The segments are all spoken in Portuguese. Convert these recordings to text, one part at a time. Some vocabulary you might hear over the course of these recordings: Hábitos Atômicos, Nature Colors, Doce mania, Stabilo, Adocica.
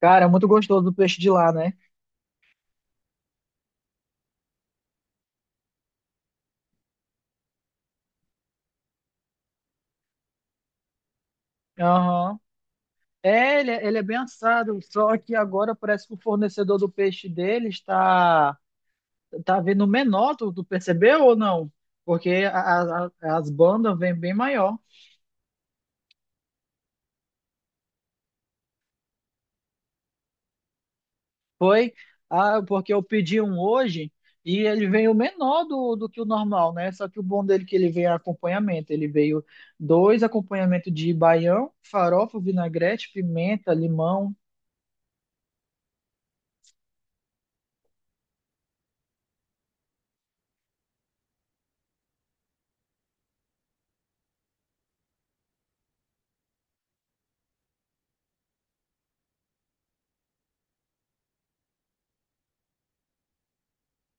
Cara, é muito gostoso o peixe de lá, né? Aham. É, ele, ele é bem assado, só que agora parece que o fornecedor do peixe dele está tá vendo menor, tu percebeu ou não? Porque as bandas vêm bem maior. Foi porque eu pedi um hoje e ele veio menor do que o normal, né? Só que o bom dele é que ele veio acompanhamento. Ele veio dois acompanhamentos de baião, farofa, vinagrete, pimenta, limão.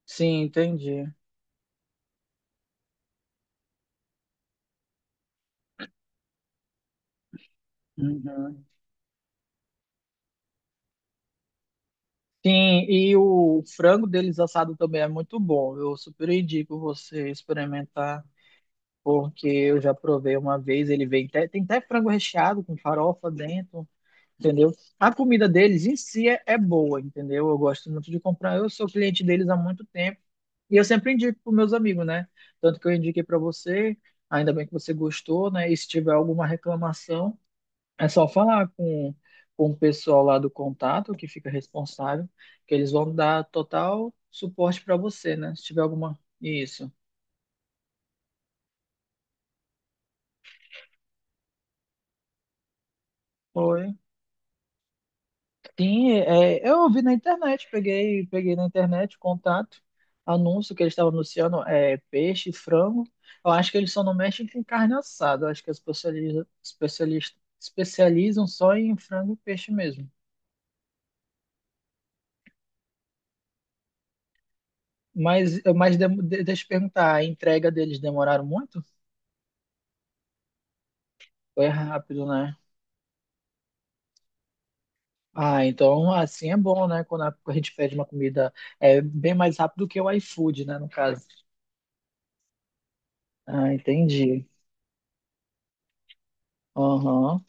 Sim, entendi. Uhum. Sim, e o frango deles assado também é muito bom. Eu super indico você experimentar, porque eu já provei uma vez. Ele vem tem até frango recheado com farofa dentro, entendeu? A comida deles em si é boa, entendeu? Eu gosto muito de comprar. Eu sou cliente deles há muito tempo e eu sempre indico para meus amigos, né? Tanto que eu indiquei para você, ainda bem que você gostou, né? E se tiver alguma reclamação. É só falar com o pessoal lá do contato que fica responsável, que eles vão dar total suporte para você, né? Se tiver alguma. Isso. Foi. Sim, é, eu vi na internet, peguei na internet o contato, anúncio que eles estavam anunciando é, peixe, frango. Eu acho que eles só não mexem com carne assada. Eu acho que eles especializam só em frango e peixe mesmo. Mas deixa eu te perguntar, a entrega deles demoraram muito? Foi rápido, né? Ah, então assim é bom, né? Quando a gente pede uma comida é bem mais rápido que o iFood, né? No caso. Ah, entendi. Aham.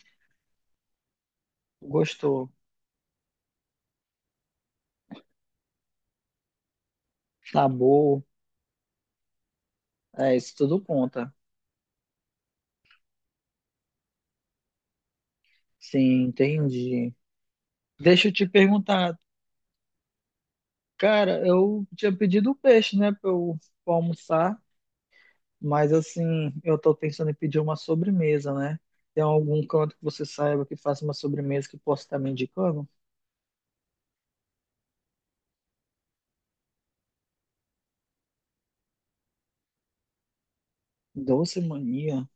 Gostou. Sabor. É, isso tudo conta. Sim, entendi. Deixa eu te perguntar, cara, eu tinha pedido peixe, né? Pra eu pra almoçar, mas assim, eu tô pensando em pedir uma sobremesa, né? Tem algum canto que você saiba que faça uma sobremesa que possa estar me indicando? Doce mania.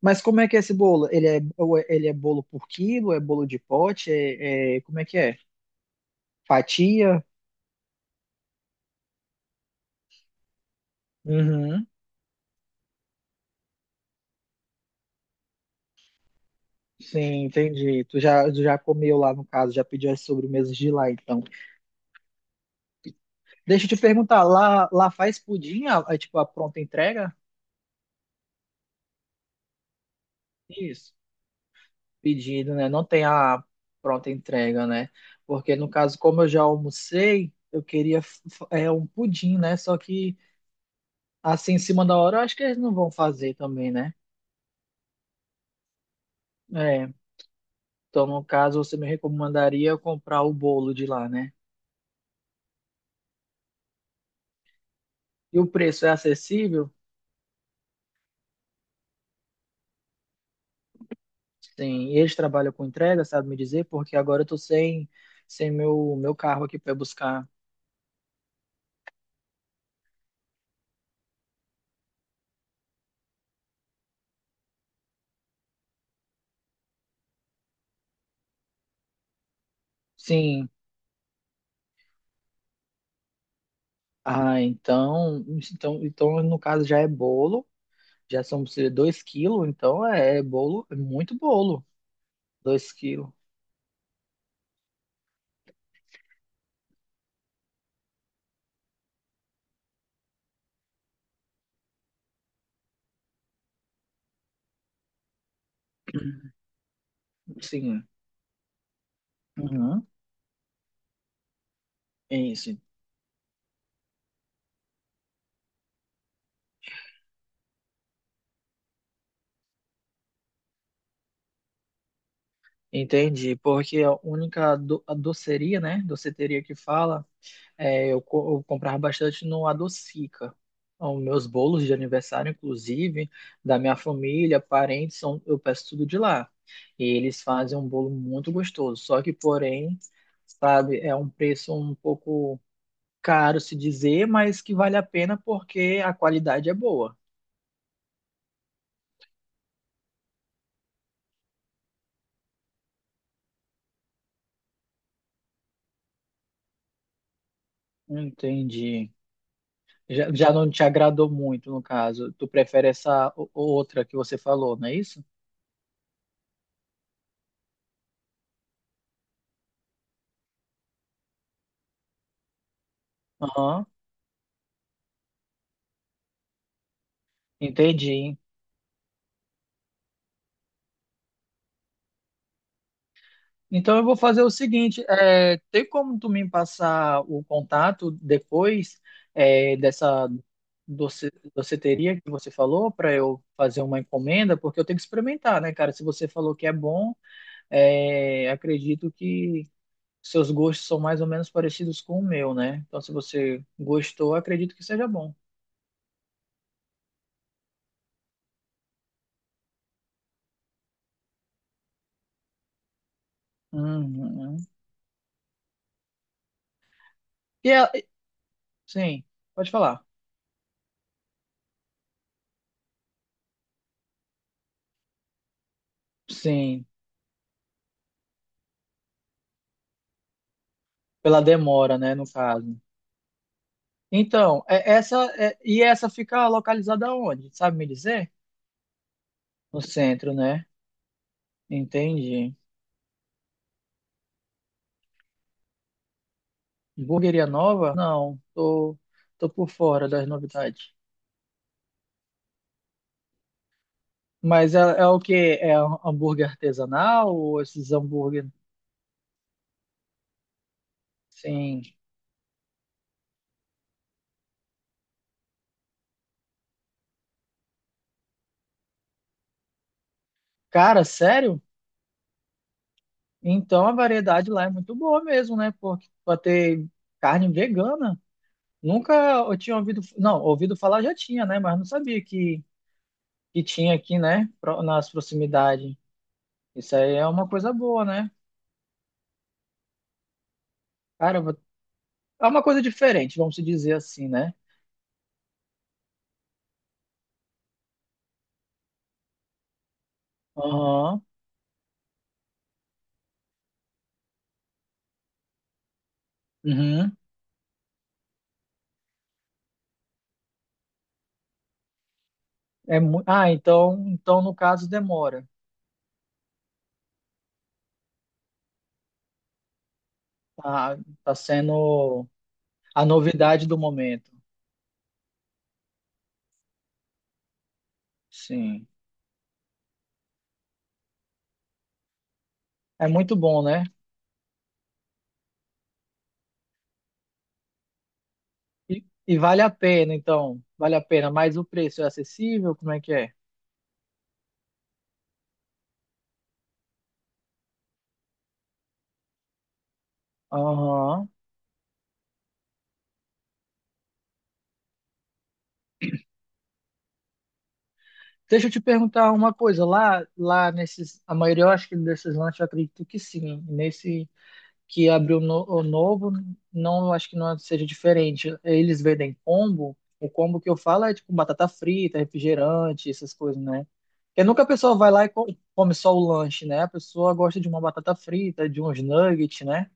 Mas como é que é esse bolo? Ele é, ele é bolo por quilo? É bolo de pote? É, como é que é? Fatia? Uhum. Sim, entendi. Tu já comeu lá, no caso, já pediu as sobremesas de lá, então. Deixa eu te perguntar, lá faz pudim, tipo, a pronta entrega? Isso. Pedido, né? Não tem a pronta entrega, né? Porque, no caso, como eu já almocei, eu queria é, um pudim, né? Só que, assim, em cima da hora, eu acho que eles não vão fazer também, né? É. Então, no caso, você me recomendaria eu comprar o bolo de lá, né? E o preço é acessível? Sim, e eles trabalham com entrega, sabe me dizer? Porque agora eu tô sem meu carro aqui para buscar. Sim. Ah, então, no caso já é bolo, já são 2 quilos, então é bolo, é muito bolo. Dois quilos. Sim. Uhum. É isso. Entendi, porque a doceria, né? Doceteria que fala é, eu comprava bastante no Adocica. Os meus bolos de aniversário, inclusive, da minha família, parentes, são, eu peço tudo de lá. E eles fazem um bolo muito gostoso. Só que, porém, sabe, é um preço um pouco caro se dizer, mas que vale a pena porque a qualidade é boa. Entendi. Já, já não te agradou muito, no caso. Tu prefere essa outra que você falou, não é isso? Aham, entendi. Então eu vou fazer o seguinte, é, tem como tu me passar o contato depois é, dessa doceteria que você falou para eu fazer uma encomenda, porque eu tenho que experimentar, né, cara? Se você falou que é bom, é, acredito que seus gostos são mais ou menos parecidos com o meu, né? Então se você gostou, acredito que seja bom. Uhum. E a- sim, pode falar. Sim, pela demora, né, no caso. Então, e essa fica localizada onde? Sabe me dizer? No centro, né? Entendi. Hamburgueria nova? Não, tô, tô por fora das novidades. Mas é, é o quê? É um hambúrguer artesanal ou esses hambúrguer? Sim. Cara, sério? Então a variedade lá é muito boa mesmo, né? Porque pra ter carne vegana. Nunca eu tinha ouvido, não, ouvido falar já tinha, né? Mas não sabia que tinha aqui, né? Nas proximidades. Isso aí é uma coisa boa, né? Cara, eu vou- é uma coisa diferente, vamos se dizer assim, né? Aham. Uhum. É mu... Ah, então, então no caso demora. Tá, tá sendo a novidade do momento. Sim. É muito bom, né? E vale a pena, então. Vale a pena, mas o preço é acessível? Como é que é? Aham. Deixa eu te perguntar uma coisa. Lá nesses, a maioria, eu acho que desses lanches, eu acredito que sim. Nesse que abriu no, o novo, não acho que não seja diferente. Eles vendem combo, o combo que eu falo é tipo batata frita, refrigerante, essas coisas, né? Porque nunca a pessoa vai lá e come só o lanche, né? A pessoa gosta de uma batata frita, de uns nuggets, né?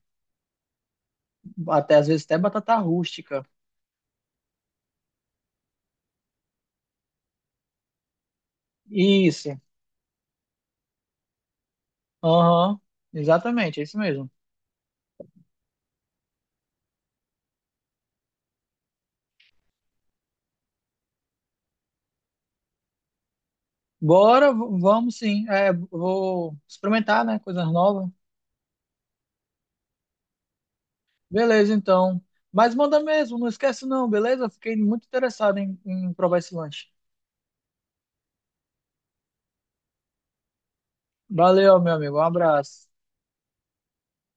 Até às vezes até batata rústica. Isso. Aham. Exatamente, é isso mesmo. Bora, vamos sim. É, vou experimentar, né? Coisas novas. Beleza, então. Mas manda mesmo, não esquece não, beleza? Fiquei muito interessado em provar esse lanche. Valeu, meu amigo. Um abraço.